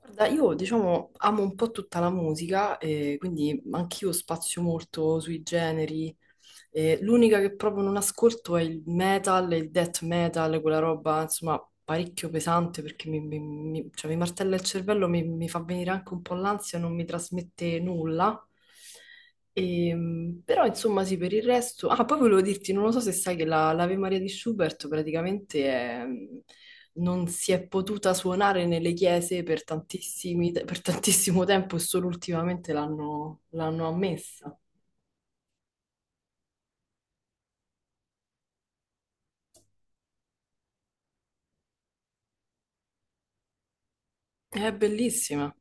Guarda, io diciamo amo un po' tutta la musica, e quindi anch'io spazio molto sui generi. L'unica che proprio non ascolto è il metal, e il death metal, quella roba insomma parecchio pesante perché cioè, mi martella il cervello, mi fa venire anche un po' l'ansia, non mi trasmette nulla. Però insomma sì, per il resto... Ah, poi volevo dirti, non lo so se sai che l'Ave Maria di Schubert praticamente è- non si è potuta suonare nelle chiese per per tantissimo tempo e solo ultimamente l'hanno ammessa. È bellissima.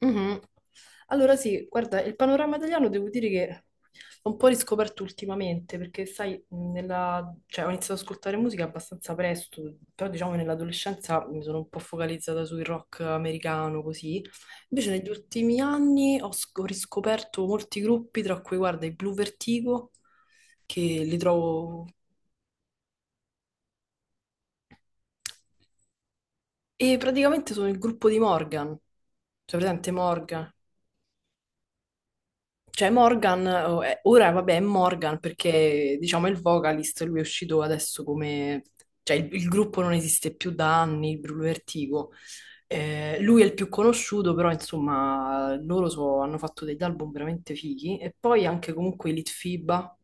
Mhm. Allora sì, guarda, il panorama italiano devo dire che l'ho un po' riscoperto ultimamente, perché sai, cioè, ho iniziato ad ascoltare musica abbastanza presto, però diciamo nell'adolescenza mi sono un po' focalizzata sul rock americano, così. Invece negli ultimi anni ho riscoperto molti gruppi, tra cui guarda i Blue Vertigo, che li trovo... E praticamente sono il gruppo di Morgan, cioè presente Morgan, cioè Morgan, ora vabbè è Morgan perché diciamo è il vocalist, lui è uscito adesso come... cioè il gruppo non esiste più da anni, il Bruno Vertigo. Lui è il più conosciuto, però insomma hanno fatto degli album veramente fighi e poi anche comunque i Litfiba.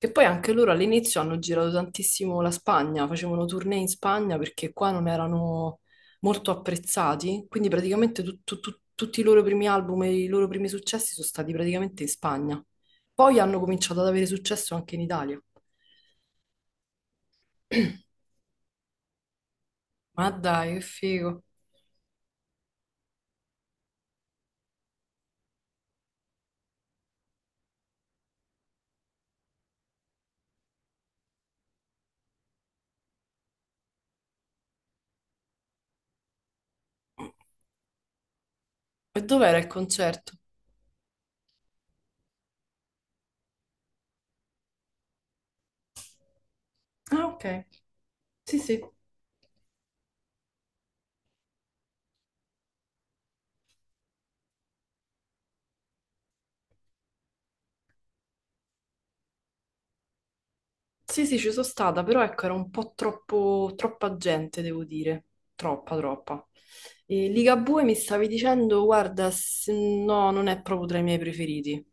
Che poi anche loro all'inizio hanno girato tantissimo la Spagna, facevano tournée in Spagna perché qua non erano molto apprezzati, quindi praticamente tutti i loro primi album e i loro primi successi sono stati praticamente in Spagna. Poi hanno cominciato ad avere successo anche in Italia. Ma dai, che figo. E dov'era il concerto? Ah, ok. Sì, sì. Sì, sì, ci sono stata, però ecco, era un po' troppa gente, devo dire. Troppa, troppa. E Ligabue mi stavi dicendo, guarda, no, non è proprio tra i miei preferiti.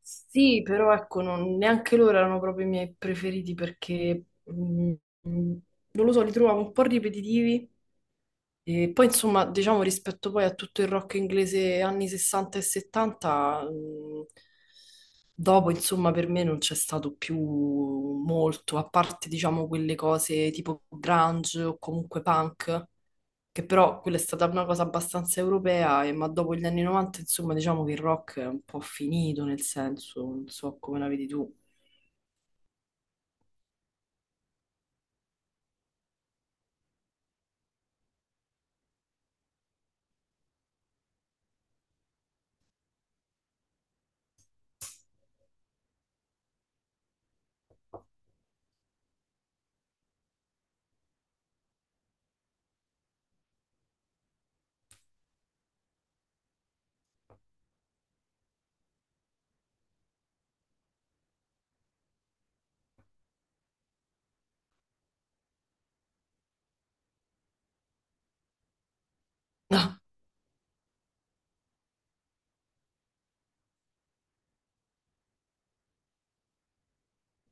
Sì, però ecco, neanche loro erano proprio i miei preferiti perché, mm, mm, non lo so, li trovavo un po' ripetitivi. E poi insomma, diciamo rispetto poi a tutto il rock inglese anni 60 e 70, dopo insomma per me non c'è stato più molto, a parte diciamo quelle cose tipo grunge o comunque punk, che però quella è stata una cosa abbastanza europea, e, ma dopo gli anni 90 insomma diciamo che il rock è un po' finito nel senso, non so come la vedi tu.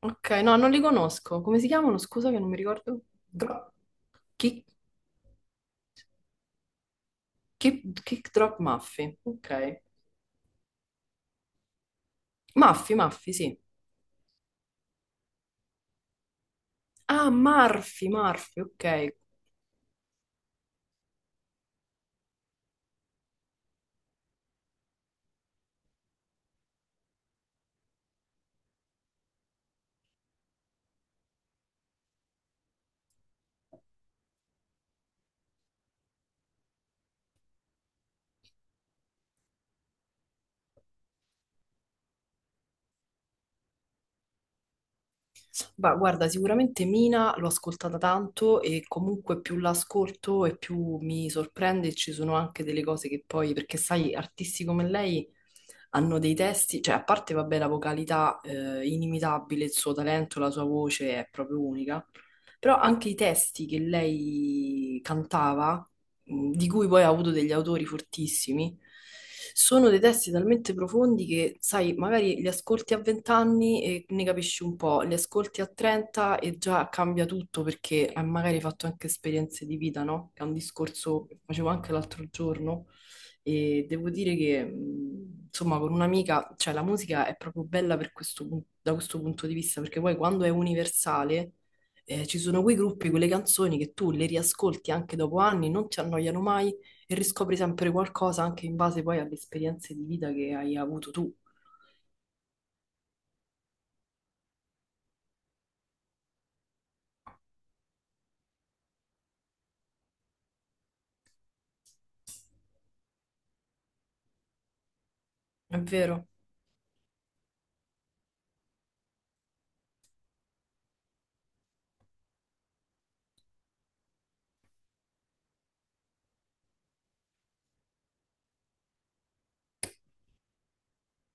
Ok, no, non li conosco. Come si chiamano? Scusa che non mi ricordo. Gro- chi? Kick, kick drop Muffy, ok. Muffy, Muffy, sì. Ah, Murphy, Murphy, ok. Ma guarda, sicuramente Mina l'ho ascoltata tanto e comunque più l'ascolto e più mi sorprende e ci sono anche delle cose che poi, perché sai, artisti come lei hanno dei testi, cioè a parte, vabbè, la vocalità inimitabile, il suo talento, la sua voce è proprio unica, però anche i testi che lei cantava di cui poi ha avuto degli autori fortissimi, sono dei testi talmente profondi che, sai, magari li ascolti a 20 anni e ne capisci un po', li ascolti a 30 e già cambia tutto perché hai magari fatto anche esperienze di vita, no? È un discorso che facevo anche l'altro giorno e devo dire che, insomma, con un'amica, cioè la musica è proprio bella per questo da questo punto di vista perché poi quando è universale, ci sono quei gruppi, quelle canzoni che tu le riascolti anche dopo anni, non ti annoiano mai e riscopri sempre qualcosa anche in base poi alle esperienze di vita che hai avuto tu. È vero?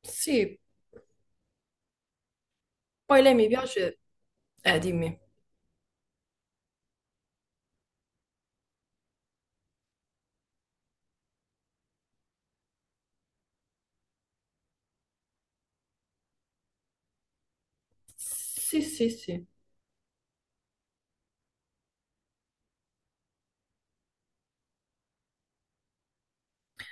Sì. Poi lei mi piace... dimmi. Sì, sì, sì.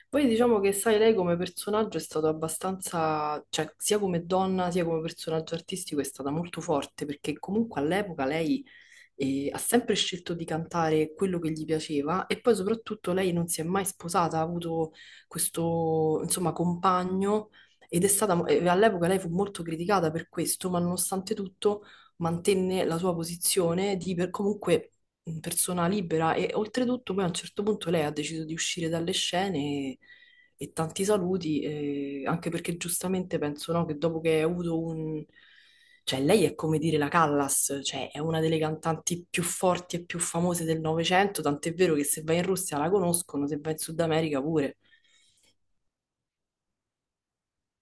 Poi diciamo che, sai, lei come personaggio è stato abbastanza, cioè sia come donna sia come personaggio artistico è stata molto forte perché comunque all'epoca lei e ha sempre scelto di cantare quello che gli piaceva e poi soprattutto lei non si è mai sposata, ha avuto questo, insomma, compagno ed è stata, e all'epoca lei fu molto criticata per questo, ma nonostante tutto mantenne la sua posizione di per, comunque persona libera e oltretutto poi a un certo punto lei ha deciso di uscire dalle scene e tanti saluti, anche perché giustamente penso, no, che dopo che hai avuto un... Cioè, lei è come dire la Callas, cioè è una delle cantanti più forti e più famose del Novecento, tant'è vero che se vai in Russia la conoscono, se vai in Sud America pure.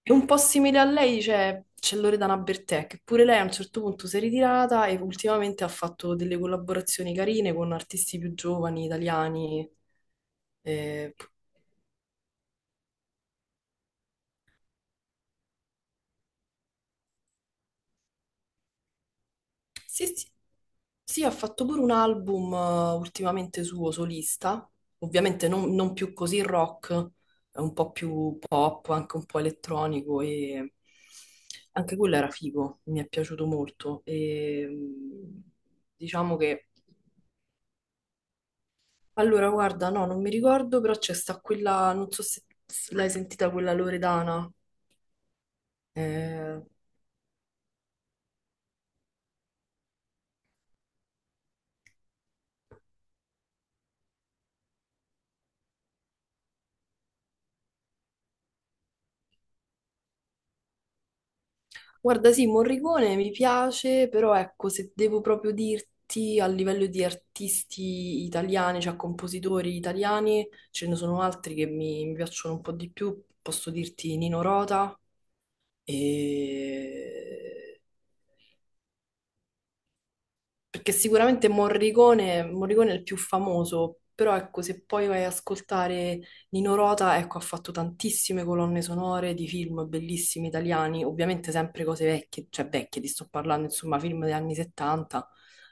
È un po' simile a lei, cioè, c'è Loredana Bertè, che pure lei a un certo punto si è ritirata e ultimamente ha fatto delle collaborazioni carine con artisti più giovani, italiani. Eh, Sì, sì. Sì, ha fatto pure un album ultimamente suo solista, ovviamente non, non più così rock, è un po' più pop, anche un po' elettronico e anche quello era figo, mi è piaciuto molto. Diciamo che... Allora, guarda, no, non mi ricordo, però c'è sta quella, non so se l'hai sentita quella Loredana, eh, guarda, sì, Morricone mi piace, però ecco, se devo proprio dirti a livello di artisti italiani, cioè compositori italiani, ce ne sono altri che mi piacciono un po' di più. Posso dirti Nino Rota e perché sicuramente Morricone, Morricone è il più famoso, però ecco, se poi vai ad ascoltare Nino Rota, ecco, ha fatto tantissime colonne sonore di film bellissimi italiani, ovviamente sempre cose vecchie, cioè vecchie, ti sto parlando, insomma, film degli anni 70,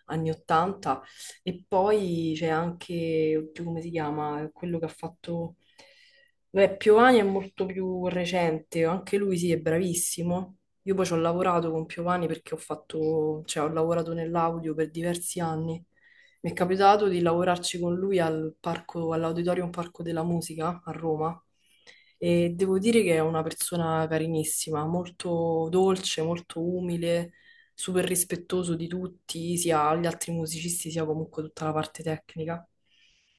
anni 80, e poi c'è anche, oddio, come si chiama, quello che ha fatto... Beh, Piovani è molto più recente, anche lui sì, è bravissimo, io poi ci ho lavorato con Piovani perché ho fatto, cioè, ho lavorato nell'audio per diversi anni. Mi è capitato di lavorarci con lui al parco, all'Auditorium Parco della Musica a Roma e devo dire che è una persona carinissima, molto dolce, molto umile, super rispettoso di tutti, sia gli altri musicisti sia comunque tutta la parte tecnica.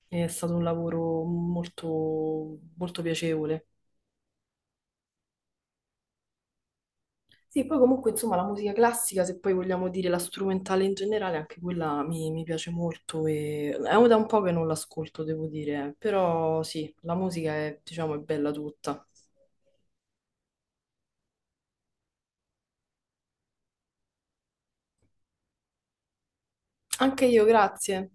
È stato un lavoro molto molto piacevole. Sì, poi comunque insomma la musica classica, se poi vogliamo dire la strumentale in generale, anche quella mi piace molto e è da un po' che non l'ascolto, devo dire, però sì, la musica è, diciamo, è bella tutta. Anche io, grazie.